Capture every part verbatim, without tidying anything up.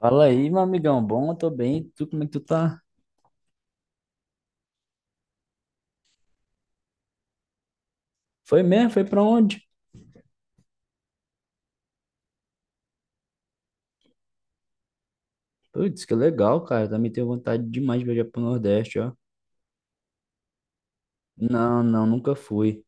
Fala aí, meu amigão. Bom, eu tô bem. Tu, como é que tu tá? Foi mesmo? Foi pra onde? Putz, que legal, cara. Eu também tenho vontade demais de viajar pro Nordeste, ó. Não, não, nunca fui.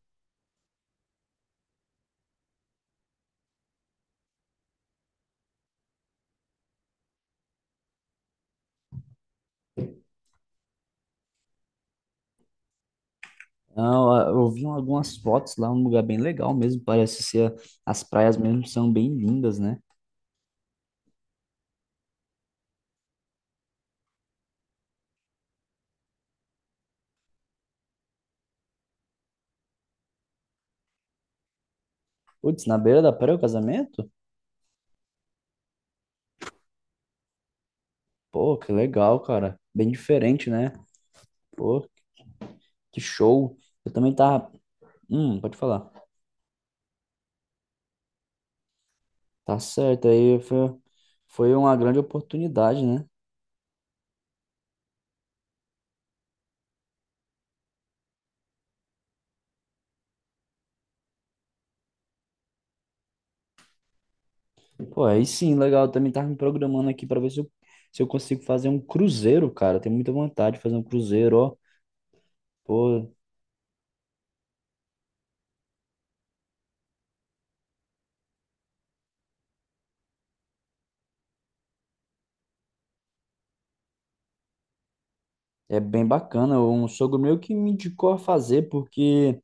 Não, a- eu vi algumas fotos lá, um lugar bem legal mesmo. Parece ser as praias mesmo são bem lindas, né? Putz, na beira da praia o casamento? Pô, que legal, cara. Bem diferente, né? Pô, que show. Eu também tava. Hum, pode falar. Tá certo, aí foi, foi uma grande oportunidade, né? Pô, aí sim, legal. Eu também tava me programando aqui pra ver se eu, se eu consigo fazer um cruzeiro, cara. Eu Tenho muita vontade de fazer um cruzeiro, ó. Pô, é bem bacana. Um sogro meu que me indicou a fazer, porque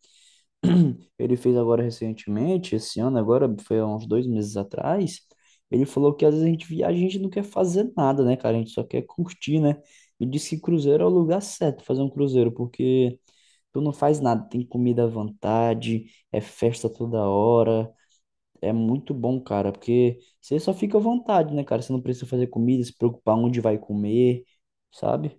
ele fez agora recentemente, esse ano, agora foi há uns dois meses atrás. Ele falou que às vezes a gente viaja, a gente não quer fazer nada, né, cara? A gente só quer curtir, né? E disse que cruzeiro é o lugar certo fazer um cruzeiro, porque tu não faz nada, tem comida à vontade, é festa toda hora. É muito bom, cara, porque você só fica à vontade, né, cara? Você não precisa fazer comida, se preocupar onde vai comer, sabe?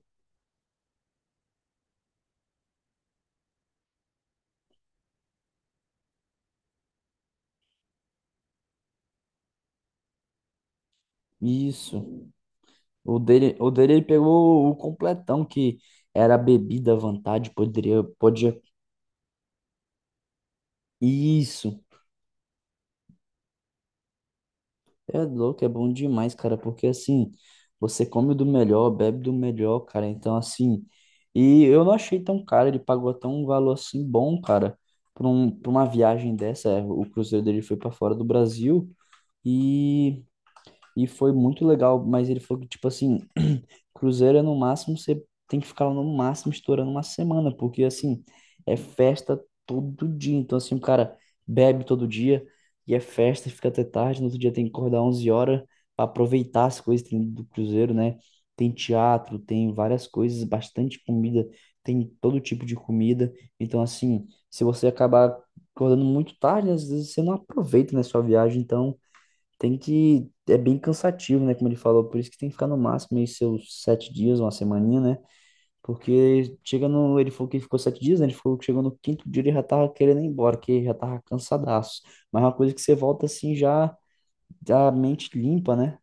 Isso. O dele, o dele ele pegou o completão que era bebida à vontade, poderia, podia. Isso. É louco, é bom demais, cara, porque assim, você come do melhor, bebe do melhor, cara. Então, assim, e eu não achei tão caro, ele pagou até um valor assim bom, cara, pra um, pra uma viagem dessa. É, o cruzeiro dele foi pra fora do Brasil. E E foi muito legal, mas ele falou que, tipo assim, cruzeiro é no máximo, você tem que ficar lá no máximo estourando uma semana, porque, assim, é festa todo dia. Então, assim, o cara bebe todo dia e é festa, fica até tarde. No outro dia tem que acordar 11 horas para aproveitar as coisas que tem do cruzeiro, né? Tem teatro, tem várias coisas, bastante comida, tem todo tipo de comida. Então, assim, se você acabar acordando muito tarde, às vezes você não aproveita, né, sua viagem. Então, tem que. É bem cansativo, né? Como ele falou, por isso que tem que ficar no máximo aí seus sete dias, uma semaninha, né? Porque chega no. Ele falou que ficou sete dias, né? Ele falou que chegou no quinto dia ele já tava querendo ir embora, que já tava cansadaço. Mas é uma coisa que você volta assim já da mente limpa, né?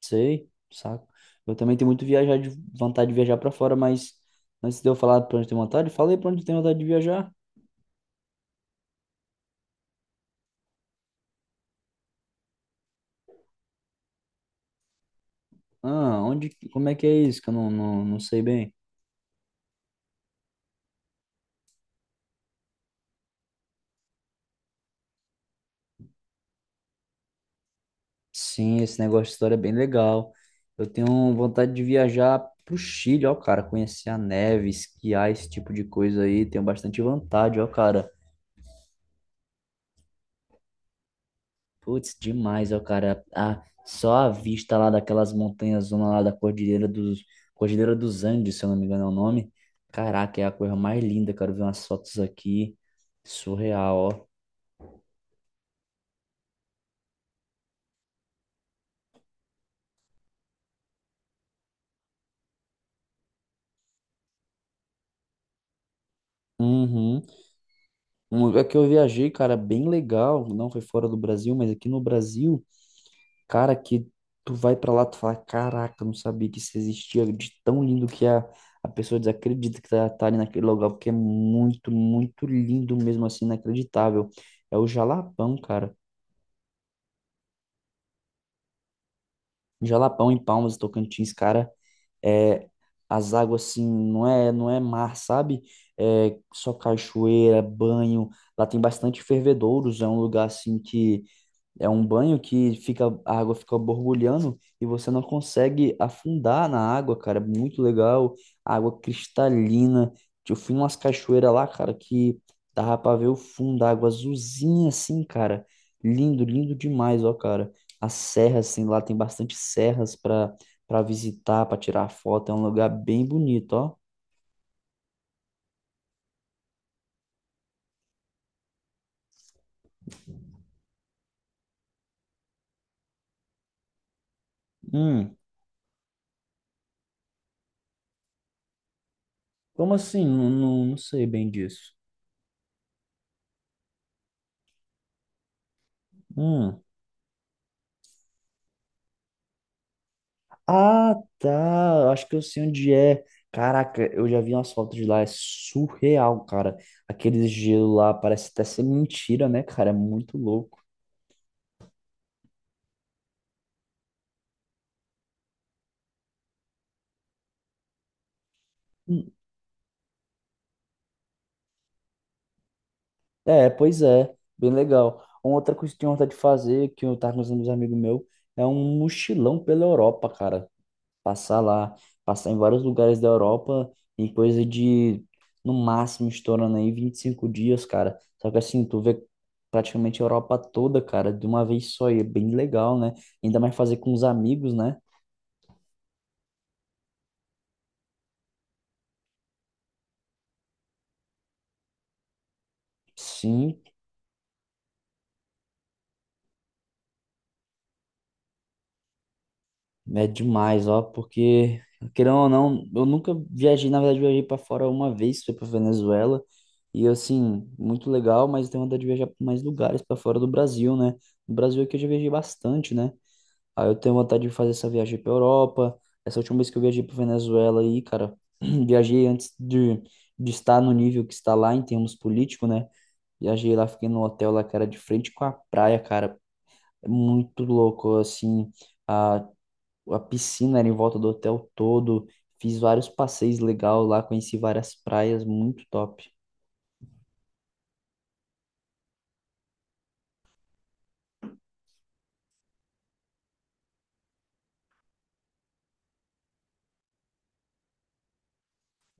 Sei, saco. Eu também tenho muito viajar de vontade de viajar pra fora, mas antes de eu falar pra onde tem vontade, falei pra onde tem vontade de viajar. Ah, onde. Como é que é isso? Que eu não, não, não sei bem. Sim, esse negócio de história é bem legal. Eu tenho vontade de viajar pro Chile, ó, cara, conhecer a neve, esquiar, esse tipo de coisa aí. Tenho bastante vontade, ó, cara. Putz, demais, ó, cara. Ah, só a vista lá daquelas montanhas, zona lá da Cordilheira dos, Cordilheira dos Andes, se eu não me engano é o nome. Caraca, é a coisa mais linda, cara. Ver umas fotos aqui. Surreal, ó. Uhum. Um lugar que eu viajei, cara, bem legal. Não foi fora do Brasil, mas aqui no Brasil. Cara, que tu vai pra lá, tu fala, caraca, eu não sabia que isso existia, de tão lindo que a, a pessoa desacredita que tá, tá ali naquele lugar, porque é muito, muito lindo mesmo assim, inacreditável. É o Jalapão, cara. Jalapão em Palmas, Tocantins, cara, é as águas assim, não é, não é mar, sabe? É só cachoeira, banho. Lá tem bastante fervedouros, é um lugar assim que É um banho que fica, a água fica borbulhando e você não consegue afundar na água, cara. É muito legal. Água cristalina. Eu fui em umas cachoeiras lá, cara, que dava pra ver o fundo da água azulzinha assim, cara. Lindo, lindo demais, ó, cara. A serra, assim, lá tem bastante serras pra, pra, visitar, pra tirar foto. É um lugar bem bonito, ó. Hum, como assim? Não, não, não sei bem disso. Hum. Ah, tá. eu Acho que eu sei onde é. Caraca, eu já vi umas fotos de lá. É surreal, cara. Aquele gelo lá parece até ser mentira, né, cara? É muito louco. Hum, É, pois é. Bem legal. Uma outra coisa que eu tenho vontade de fazer, que eu tava com os amigos meus, é um mochilão pela Europa, cara. Passar lá, passar em vários lugares da Europa em coisa de, no máximo, estourando aí vinte e cinco dias, cara. Só que assim, tu vê praticamente a Europa toda, cara, de uma vez só, e é bem legal, né? Ainda mais fazer com os amigos, né? Sim, é demais, ó, porque, querendo ou não, eu nunca viajei, na verdade, eu viajei pra fora uma vez, foi pra Venezuela, e assim, muito legal, mas eu tenho vontade de viajar pra mais lugares pra fora do Brasil, né? No Brasil aqui eu já viajei bastante, né? Aí eu tenho vontade de fazer essa viagem para Europa. Essa última vez que eu viajei para Venezuela aí, cara, viajei antes de, de estar no nível que está lá em termos políticos, né? Viajei lá, fiquei no hotel lá, cara, de frente com a praia, cara. É muito louco, assim. A, a piscina era em volta do hotel todo. Fiz vários passeios legais lá, conheci várias praias, muito top.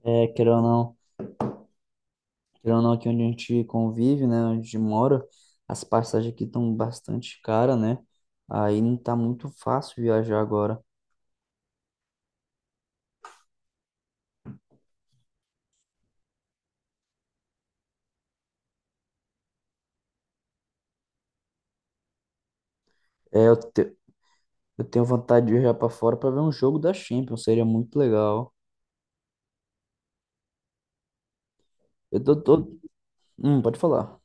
É, querendo ou não. Querendo ou não, aqui onde a gente convive, né, onde a gente mora, as passagens aqui estão bastante caras, né? Aí não tá muito fácil viajar agora. É, eu, te- eu tenho vontade de viajar pra fora pra ver um jogo da Champions, seria muito legal. Eu tô, tô... Hum, pode falar.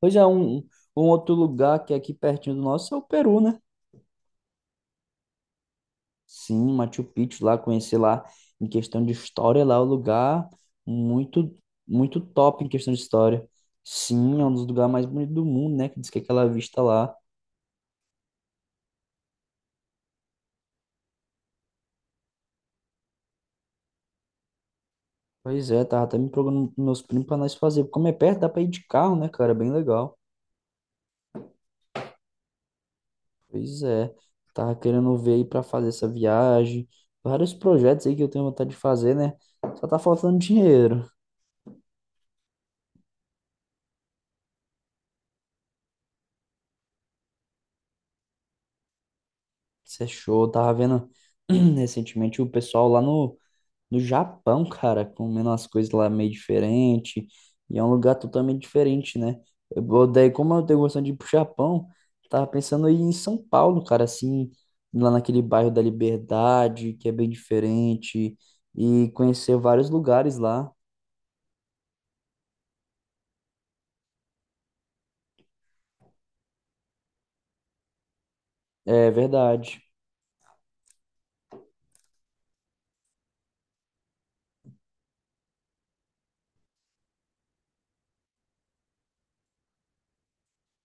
Pois é, um, um outro lugar que é aqui pertinho do nosso é o Peru, né? Sim, Machu Picchu lá, conhecer lá, em questão de história, lá é um lugar muito, muito top em questão de história. Sim, é um dos lugares mais bonitos do mundo, né? Que diz que é aquela vista lá. Pois é, tava até me programando com meus primos pra nós fazer. Como é perto, dá pra ir de carro, né, cara? É bem legal. Pois é, tava querendo ver aí pra fazer essa viagem. Vários projetos aí que eu tenho vontade de fazer, né? Só tá faltando dinheiro. Isso é show. Eu Tava vendo recentemente o pessoal lá no no Japão, cara, comendo umas coisas lá meio diferente, e é um lugar totalmente diferente, né? Eu, daí, como eu tenho gostando de ir pro Japão, tava pensando em ir em São Paulo, cara, assim, lá naquele bairro da Liberdade, que é bem diferente, e conhecer vários lugares lá. É verdade.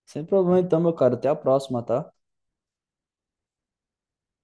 Sem problema então, meu cara. Até a próxima, tá?